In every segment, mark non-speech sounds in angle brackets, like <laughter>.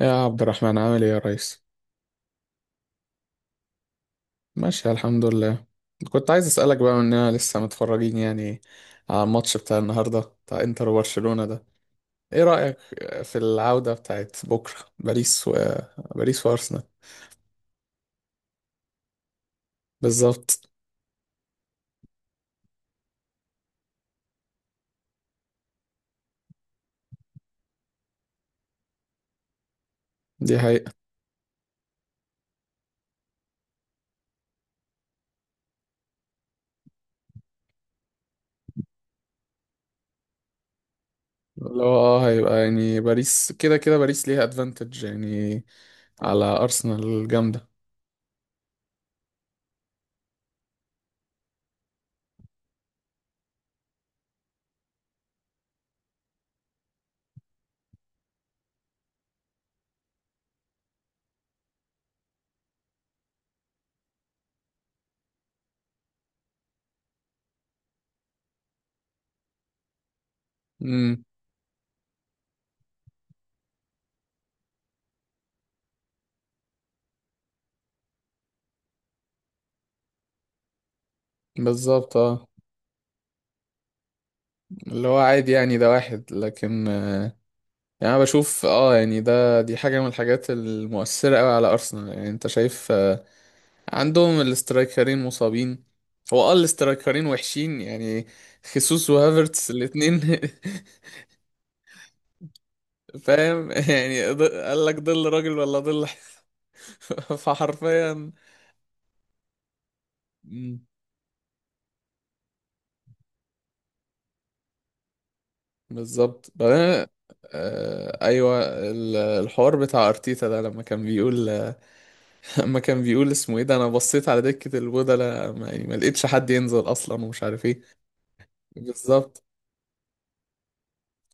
يا عبد الرحمن، عامل ايه يا ريس؟ ماشي الحمد لله. كنت عايز اسالك بقى، مننا لسه متفرجين يعني على الماتش بتاع النهارده بتاع انتر وبرشلونة ده؟ ايه رايك في العوده بتاعت بكره؟ باريس وارسنال. بالظبط. دي حقيقة. اللي هو هيبقى يعني باريس كده كده، باريس ليها ادفانتج يعني على ارسنال جامده. امم. بالظبط، اه. اللي هو عادي يعني، ده واحد لكن. يعني انا بشوف، يعني دي حاجه من الحاجات المؤثره قوي على ارسنال. يعني انت شايف، عندهم الاسترايكرين مصابين. هو الاسترايكرين وحشين يعني، خيسوس وهافرتس الاتنين. <laughs> فاهم يعني، قال لك ظل راجل ولا ظل؟ <laughs> فحرفيا. مم. بالظبط، بعدين. آه ايوه. الحوار بتاع ارتيتا ده، لما كان بيقول، <laughs> لما كان بيقول اسمه ايه ده، انا بصيت على دكة البودلة، ما, يعني ما لقيتش حد ينزل اصلا ومش عارف ايه. بالظبط.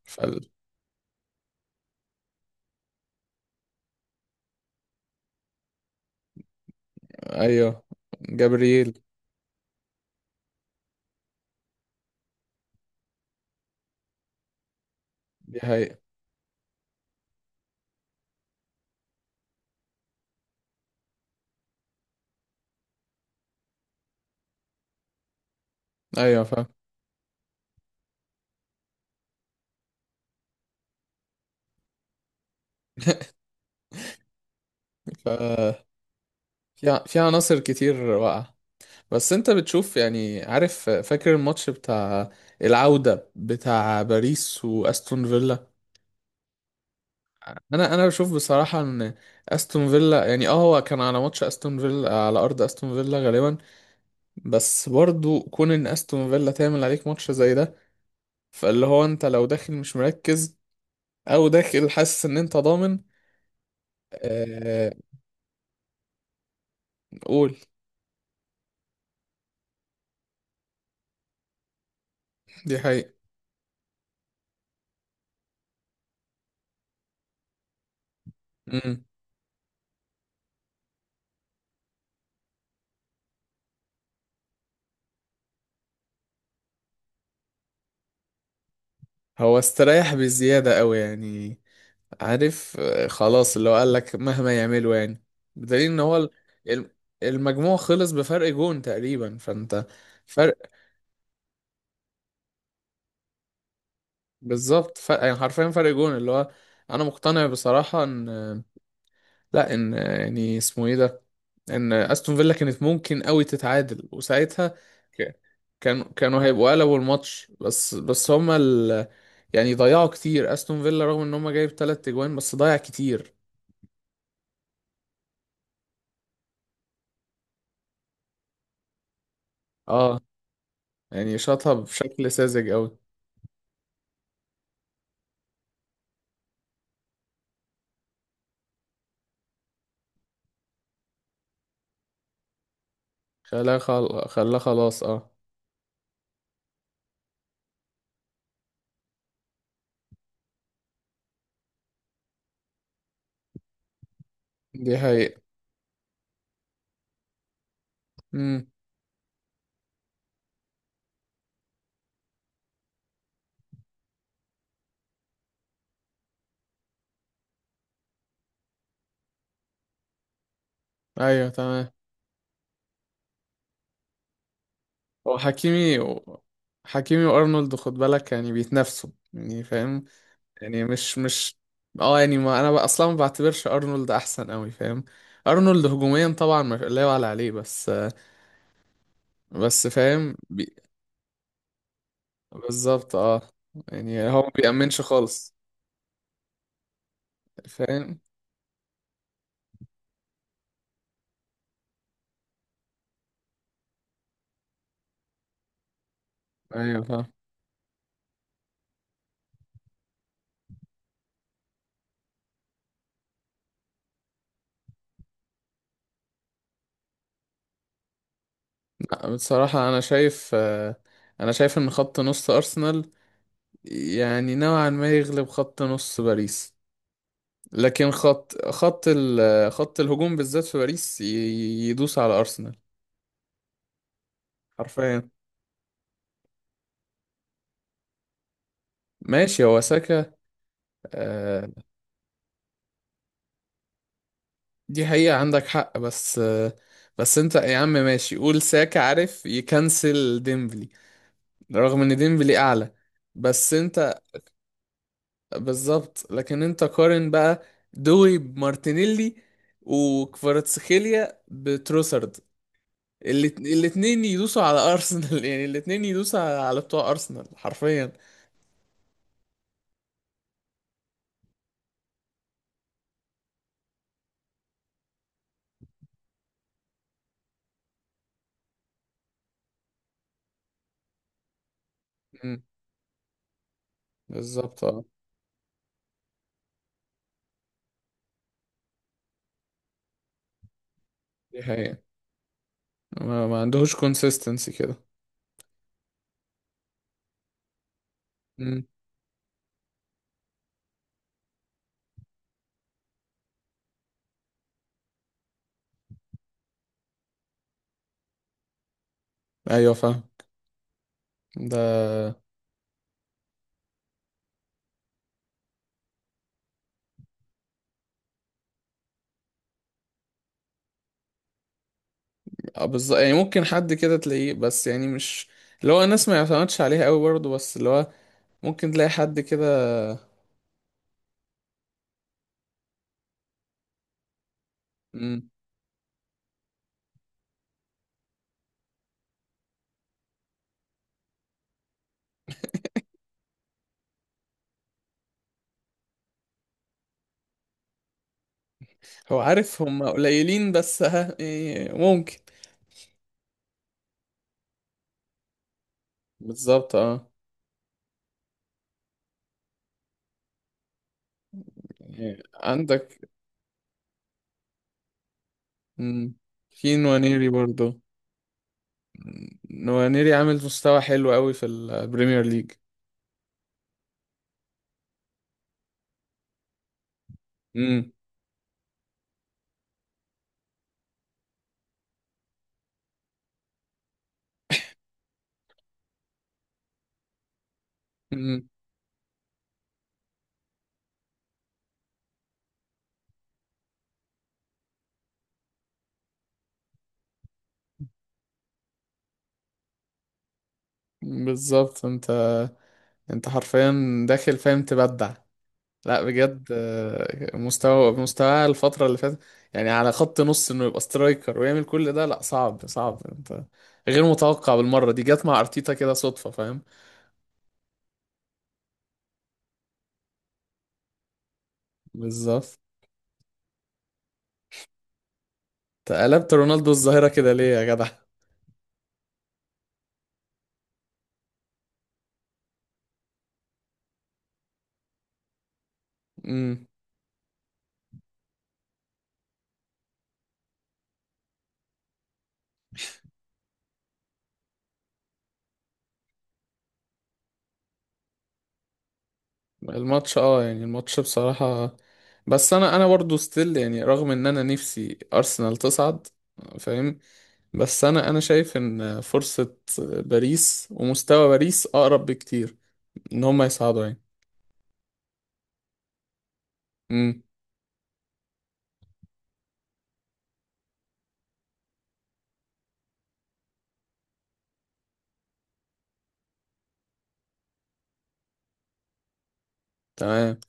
فال... ايوه، جبريل. دي حقيقة. ايوه فاهم. ف في في عناصر كتير واقعة. بس انت بتشوف يعني، عارف، فاكر الماتش بتاع العودة بتاع باريس واستون فيلا؟ انا بشوف بصراحة ان استون فيلا يعني، هو كان على ماتش، استون فيلا على ارض استون فيلا غالبا. بس برضو كون ان استون فيلا تعمل عليك ماتش زي ده، فاللي هو انت لو داخل مش مركز، او داخل حاسس ان انت ضامن. آه، قول. دي حقيقة. امم. هو استريح بزيادة قوي يعني. عارف، خلاص، اللي هو قال لك مهما يعملوا يعني، بدليل ان هو الم- المجموع خلص بفرق جون تقريبا، فانت فرق. بالظبط، فرق يعني حرفيا، فرق جون. اللي هو انا مقتنع بصراحة ان، لا، ان يعني اسمه ايه ده، ان استون فيلا كانت ممكن قوي تتعادل وساعتها ك- كانوا هيبقوا قلبوا الماتش. بس هما يعني ضيعوا كتير استون فيلا، رغم ان هما جايب 3 اجوان بس ضيع كتير. اه يعني شاطها بشكل ساذج قوي. خلاها خلاص، اه. دي حقيقة. امم. ايوه تمام. هو حكيمي و... حكيمي وارنولد، خد بالك يعني بيتنافسوا، يعني فاهم. يعني مش مش اه، يعني ما انا بقى اصلا ما بعتبرش ارنولد احسن قوي، فاهم. ارنولد هجوميا طبعا ما لا يعلى عليه، بس بس فاهم بالظبط، اه. يعني هو ما بيأمنش خالص. فاهم. ايوه فاهم. لا بصراحة انا شايف، انا شايف ان خط نص ارسنال يعني نوعا ما يغلب خط نص باريس. لكن خط الهجوم بالذات في باريس، يدوس على ارسنال حرفيا. ماشي، هو ساكا. آه. دي حقيقة، عندك حق. بس بس انت يا عم، ماشي قول ساكا عارف يكنسل ديمبلي، رغم ان ديمبلي اعلى. بس انت، بالظبط. لكن انت قارن بقى: دوي بمارتينيلي، وكفاراتسخيليا بتروسرد. الاتنين يدوسوا على ارسنال. <laughs> يعني الاتنين يدوسوا على بتوع ارسنال حرفيا. مم. بالظبط، اه. دي حقيقة. ما عندهوش كونسيستنسي كده. مم. ايوه فاهم ده. اه، بالظبط. يعني ممكن حد كده تلاقيه، بس يعني مش اللي هو الناس ما يعتمدش عليها قوي برضه. بس اللي هو ممكن تلاقي حد كده. مم. هو عارف هم قليلين، بس <laughs> ها، يعني ممكن. بالظبط، اه. يعني عندك، مم، في نوانيري برضه. نوانيري عامل مستوى حلو قوي في البريمير ليج. امم. بالظبط، انت انت حرفيا داخل، فاهم، تبدع. لا بجد، مستوى الفترة اللي فاتت، يعني على خط نص انه يبقى سترايكر ويعمل كل ده، لا صعب، صعب انت. غير متوقع بالمرة. دي جت مع ارتيتا كده صدفة، فاهم. بالظبط. تقلبت رونالدو الظاهرة كده، ليه يا جدع؟ امم. الماتش اه يعني الماتش بصراحة، بس انا برضو ستيل يعني، رغم ان انا نفسي ارسنال تصعد، فاهم. بس انا شايف ان فرصة باريس ومستوى باريس اقرب بكتير ان هم يصعدوا. يعني، تمام.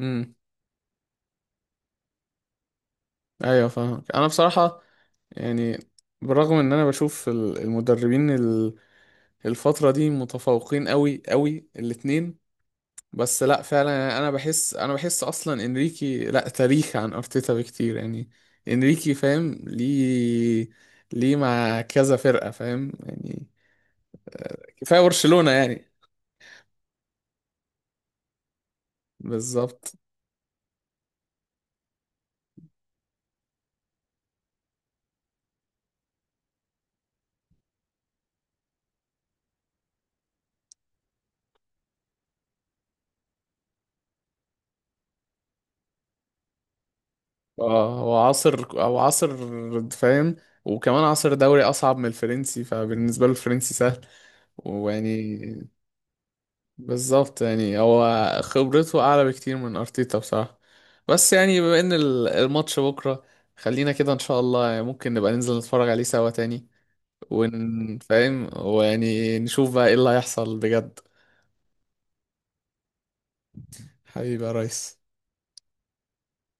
امم. ايوه فاهمك انا بصراحه، يعني بالرغم ان انا بشوف المدربين الفتره دي متفوقين قوي قوي الاتنين. بس لا فعلا يعني، انا بحس اصلا انريكي لا تاريخ عن ارتيتا بكتير يعني. انريكي فاهم ليه، ليه مع كذا فرقه، فاهم يعني. كفايه برشلونه يعني. بالظبط، اه. هو عصر او عصر، فاهم. وكمان عصر دوري اصعب من الفرنسي، فبالنسبه له الفرنسي سهل. ويعني، بالظبط، يعني هو خبرته اعلى بكتير من ارتيتا بصراحه. بس يعني بما ان الماتش بكره، خلينا كده ان شاء الله يعني ممكن نبقى ننزل نتفرج عليه سوا تاني، ونفهم ويعني نشوف بقى ايه اللي هيحصل بجد. حبيبي يا ريس.